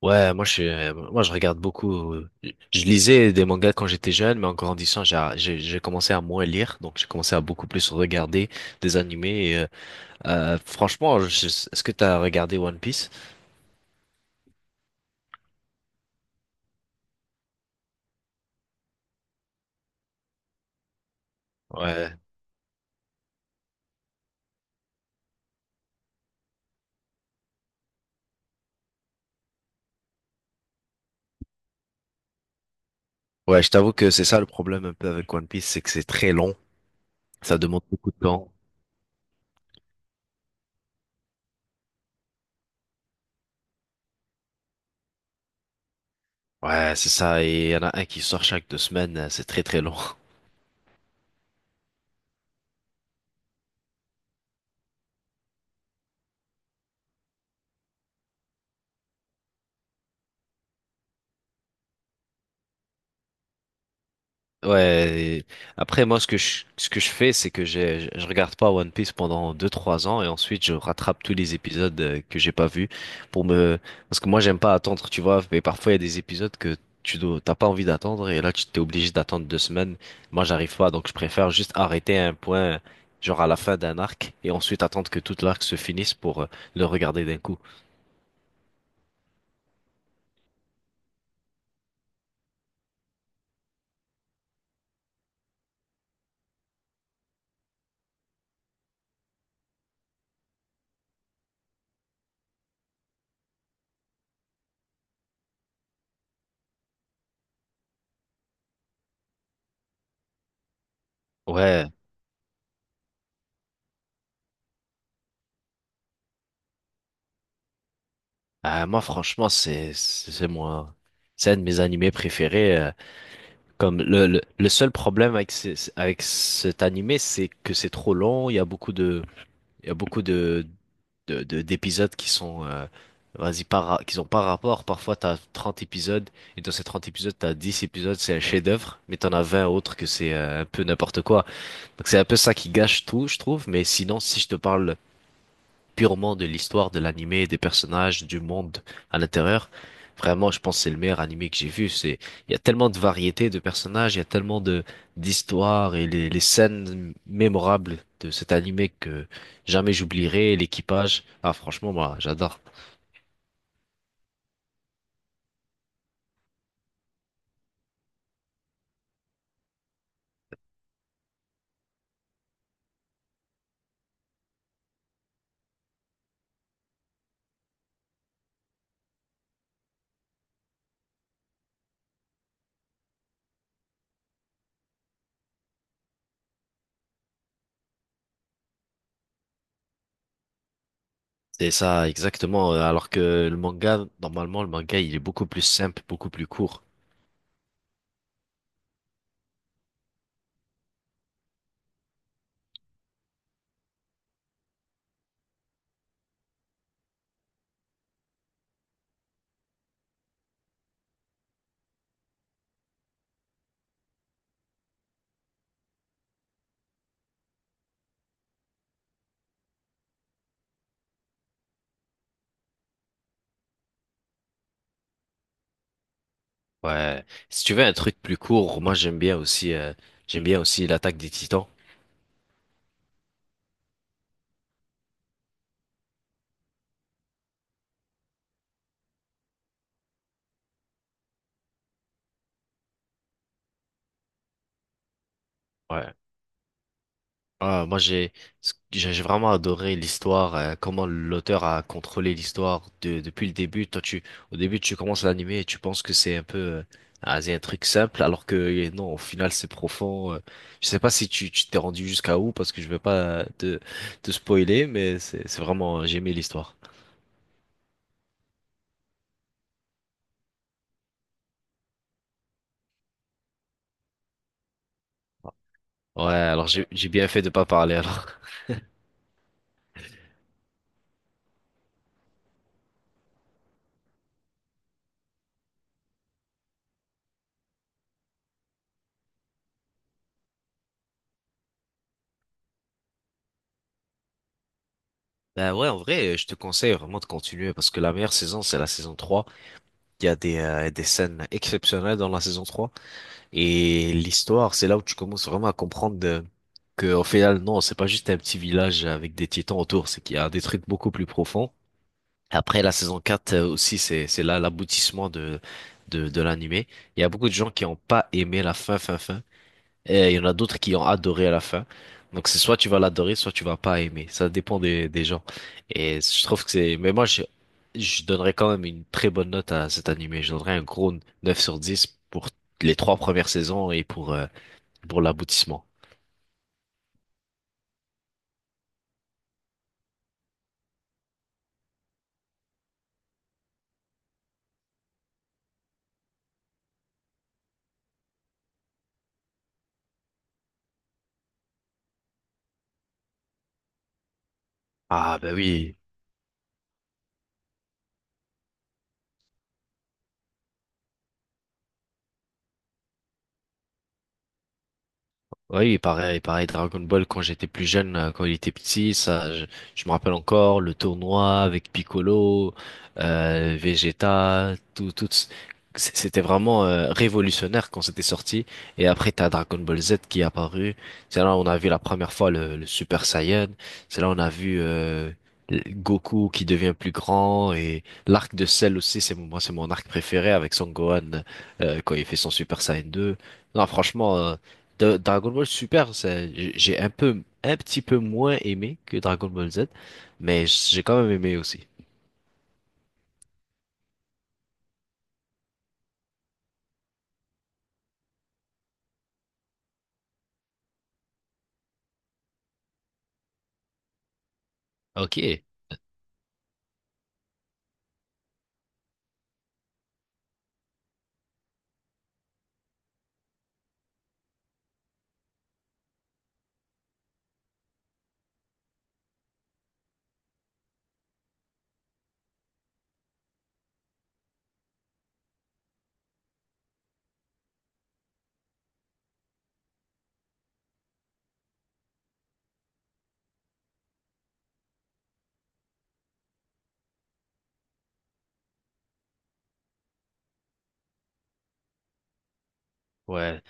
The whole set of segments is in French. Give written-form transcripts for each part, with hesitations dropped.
Ouais, moi je suis, moi je regarde beaucoup. Je lisais des mangas quand j'étais jeune, mais en grandissant, j'ai commencé à moins lire, donc j'ai commencé à beaucoup plus regarder des animés. Franchement, est-ce que t'as regardé One Piece? Ouais, ouais, je t'avoue que c'est ça le problème un peu avec One Piece, c'est que c'est très long, ça demande beaucoup de temps. Ouais, c'est ça, et il y en a un qui sort chaque deux semaines, c'est très très long. Ouais, et après moi ce que je fais c'est que je regarde pas One Piece pendant deux trois ans et ensuite je rattrape tous les épisodes que j'ai pas vus pour me parce que moi j'aime pas attendre, tu vois, mais parfois il y a des épisodes que tu dois t'as pas envie d'attendre et là tu t'es obligé d'attendre deux semaines. Moi j'arrive pas donc je préfère juste arrêter à un point genre à la fin d'un arc et ensuite attendre que tout l'arc se finisse pour le regarder d'un coup. Ouais, moi franchement c'est moi c'est un de mes animés préférés. Comme le seul problème avec, avec cet animé, c'est que c'est trop long. Il y a beaucoup de, il y a beaucoup de- d'épisodes qui sont, vas-y, pas, ra- qui ont pas rapport. Parfois, t'as 30 épisodes, et dans ces 30 épisodes, t'as 10 épisodes, c'est un chef-d'œuvre, mais t'en as 20 autres que c'est un peu n'importe quoi. Donc, c'est un peu ça qui gâche tout, je trouve. Mais sinon, si je te parle purement de l'histoire de l'animé, des personnages, du monde à l'intérieur. Vraiment, je pense que c'est le meilleur animé que j'ai vu. C'est, il y a tellement de variétés de personnages, il y a tellement de d'histoires et les scènes mémorables de cet animé que jamais j'oublierai. L'équipage, ah franchement, moi, j'adore. C'est ça, exactement. Alors que le manga, normalement, le manga, il est beaucoup plus simple, beaucoup plus court. Ouais. Si tu veux un truc plus court, moi j'aime bien aussi l'attaque des Titans. Ouais. Ah, moi, j'ai vraiment adoré l'histoire, comment l'auteur a contrôlé l'histoire de, depuis le début. Toi, au début, tu commences l'anime et tu penses que c'est un peu, ah, c'est un truc simple, alors que non, au final, c'est profond. Je sais pas si tu t'es rendu jusqu'à où, parce que je vais pas te spoiler, mais c'est vraiment, j'ai aimé l'histoire. Ouais, alors j'ai bien fait de pas parler alors. Bah ouais, en vrai, je te conseille vraiment de continuer parce que la meilleure saison, c'est la saison trois. Il y a des scènes exceptionnelles dans la saison trois. Et l'histoire, c'est là où tu commences vraiment à comprendre que, au final, non, c'est pas juste un petit village avec des titans autour, c'est qu'il y a des trucs beaucoup plus profonds. Après, la saison 4 aussi, c'est là l'aboutissement de l'animé. Il y a beaucoup de gens qui n'ont pas aimé la fin. Et il y en a d'autres qui ont adoré à la fin. Donc c'est soit tu vas l'adorer, soit tu vas pas aimer. Ça dépend des gens. Et je trouve que c'est... Mais moi, je donnerais quand même une très bonne note à cet animé. Je donnerais un gros 9 sur 10 pour les trois premières saisons et pour l'aboutissement. Ah ben oui. Oui, pareil, pareil, Dragon Ball, quand j'étais plus jeune, quand il était petit, ça, je me rappelle encore le tournoi avec Piccolo, Vegeta, tout, tout, c'était vraiment révolutionnaire quand c'était sorti. Et après, t'as Dragon Ball Z qui est apparu. C'est là où on a vu la première fois le Super Saiyan. C'est là où on a vu Goku qui devient plus grand et l'arc de Cell aussi, moi, c'est mon arc préféré avec Son Gohan quand il fait son Super Saiyan 2. Non, franchement. Dragon Ball Super, c'est- j'ai un peu, un petit peu moins aimé que Dragon Ball Z, mais j'ai quand même aimé aussi. Ok, ouais.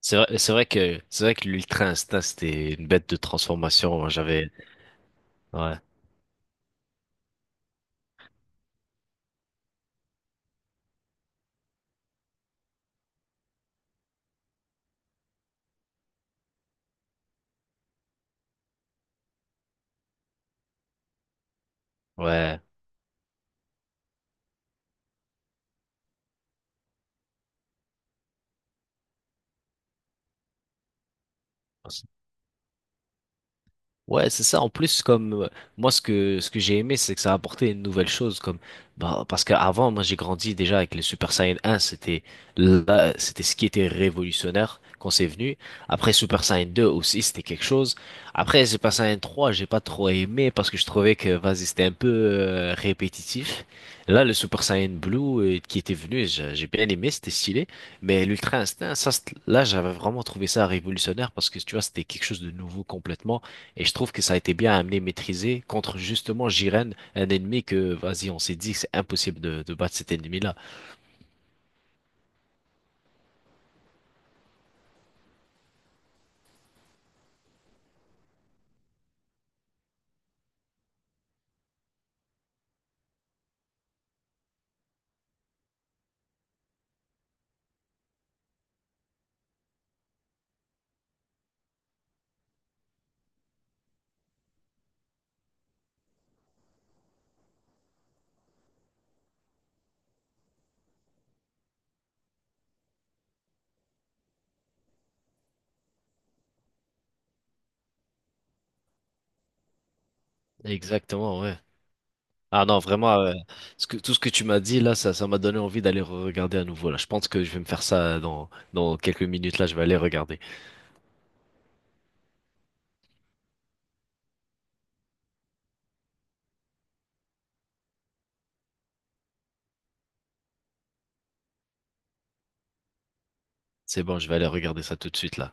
C'est vrai, c'est vrai que l'Ultra Instinct c'était une bête de transformation. J'avais, ouais, ouais. Ouais, c'est ça. En plus, comme moi, ce que j'ai aimé, c'est que ça a apporté une nouvelle chose, comme bah, parce qu'avant, moi, j'ai grandi déjà avec les Super Saiyan 1, c'était là, c'était ce qui était révolutionnaire quand c'est venu. Après, Super Saiyan 2 aussi, c'était quelque chose. Après, Super Saiyan 3, j'ai pas trop aimé parce que je trouvais que vas-y, c'était un peu répétitif. Là, le Super Saiyan Blue qui était venu, j'ai bien aimé, c'était stylé. Mais l'Ultra Instinct, ça, là, j'avais vraiment trouvé ça révolutionnaire parce que tu vois, c'était quelque chose de nouveau complètement. Et je trouve que ça a été bien amené, maîtrisé contre justement Jiren, un ennemi que, vas-y, on s'est dit que c'est impossible de battre cet ennemi-là. Exactement, ouais. Ah non, vraiment, ce que, tout ce que tu m'as dit là, ça m'a donné envie d'aller regarder à nouveau là. Je pense que je vais me faire ça dans, dans quelques minutes là, je vais aller regarder. C'est bon, je vais aller regarder ça tout de suite là.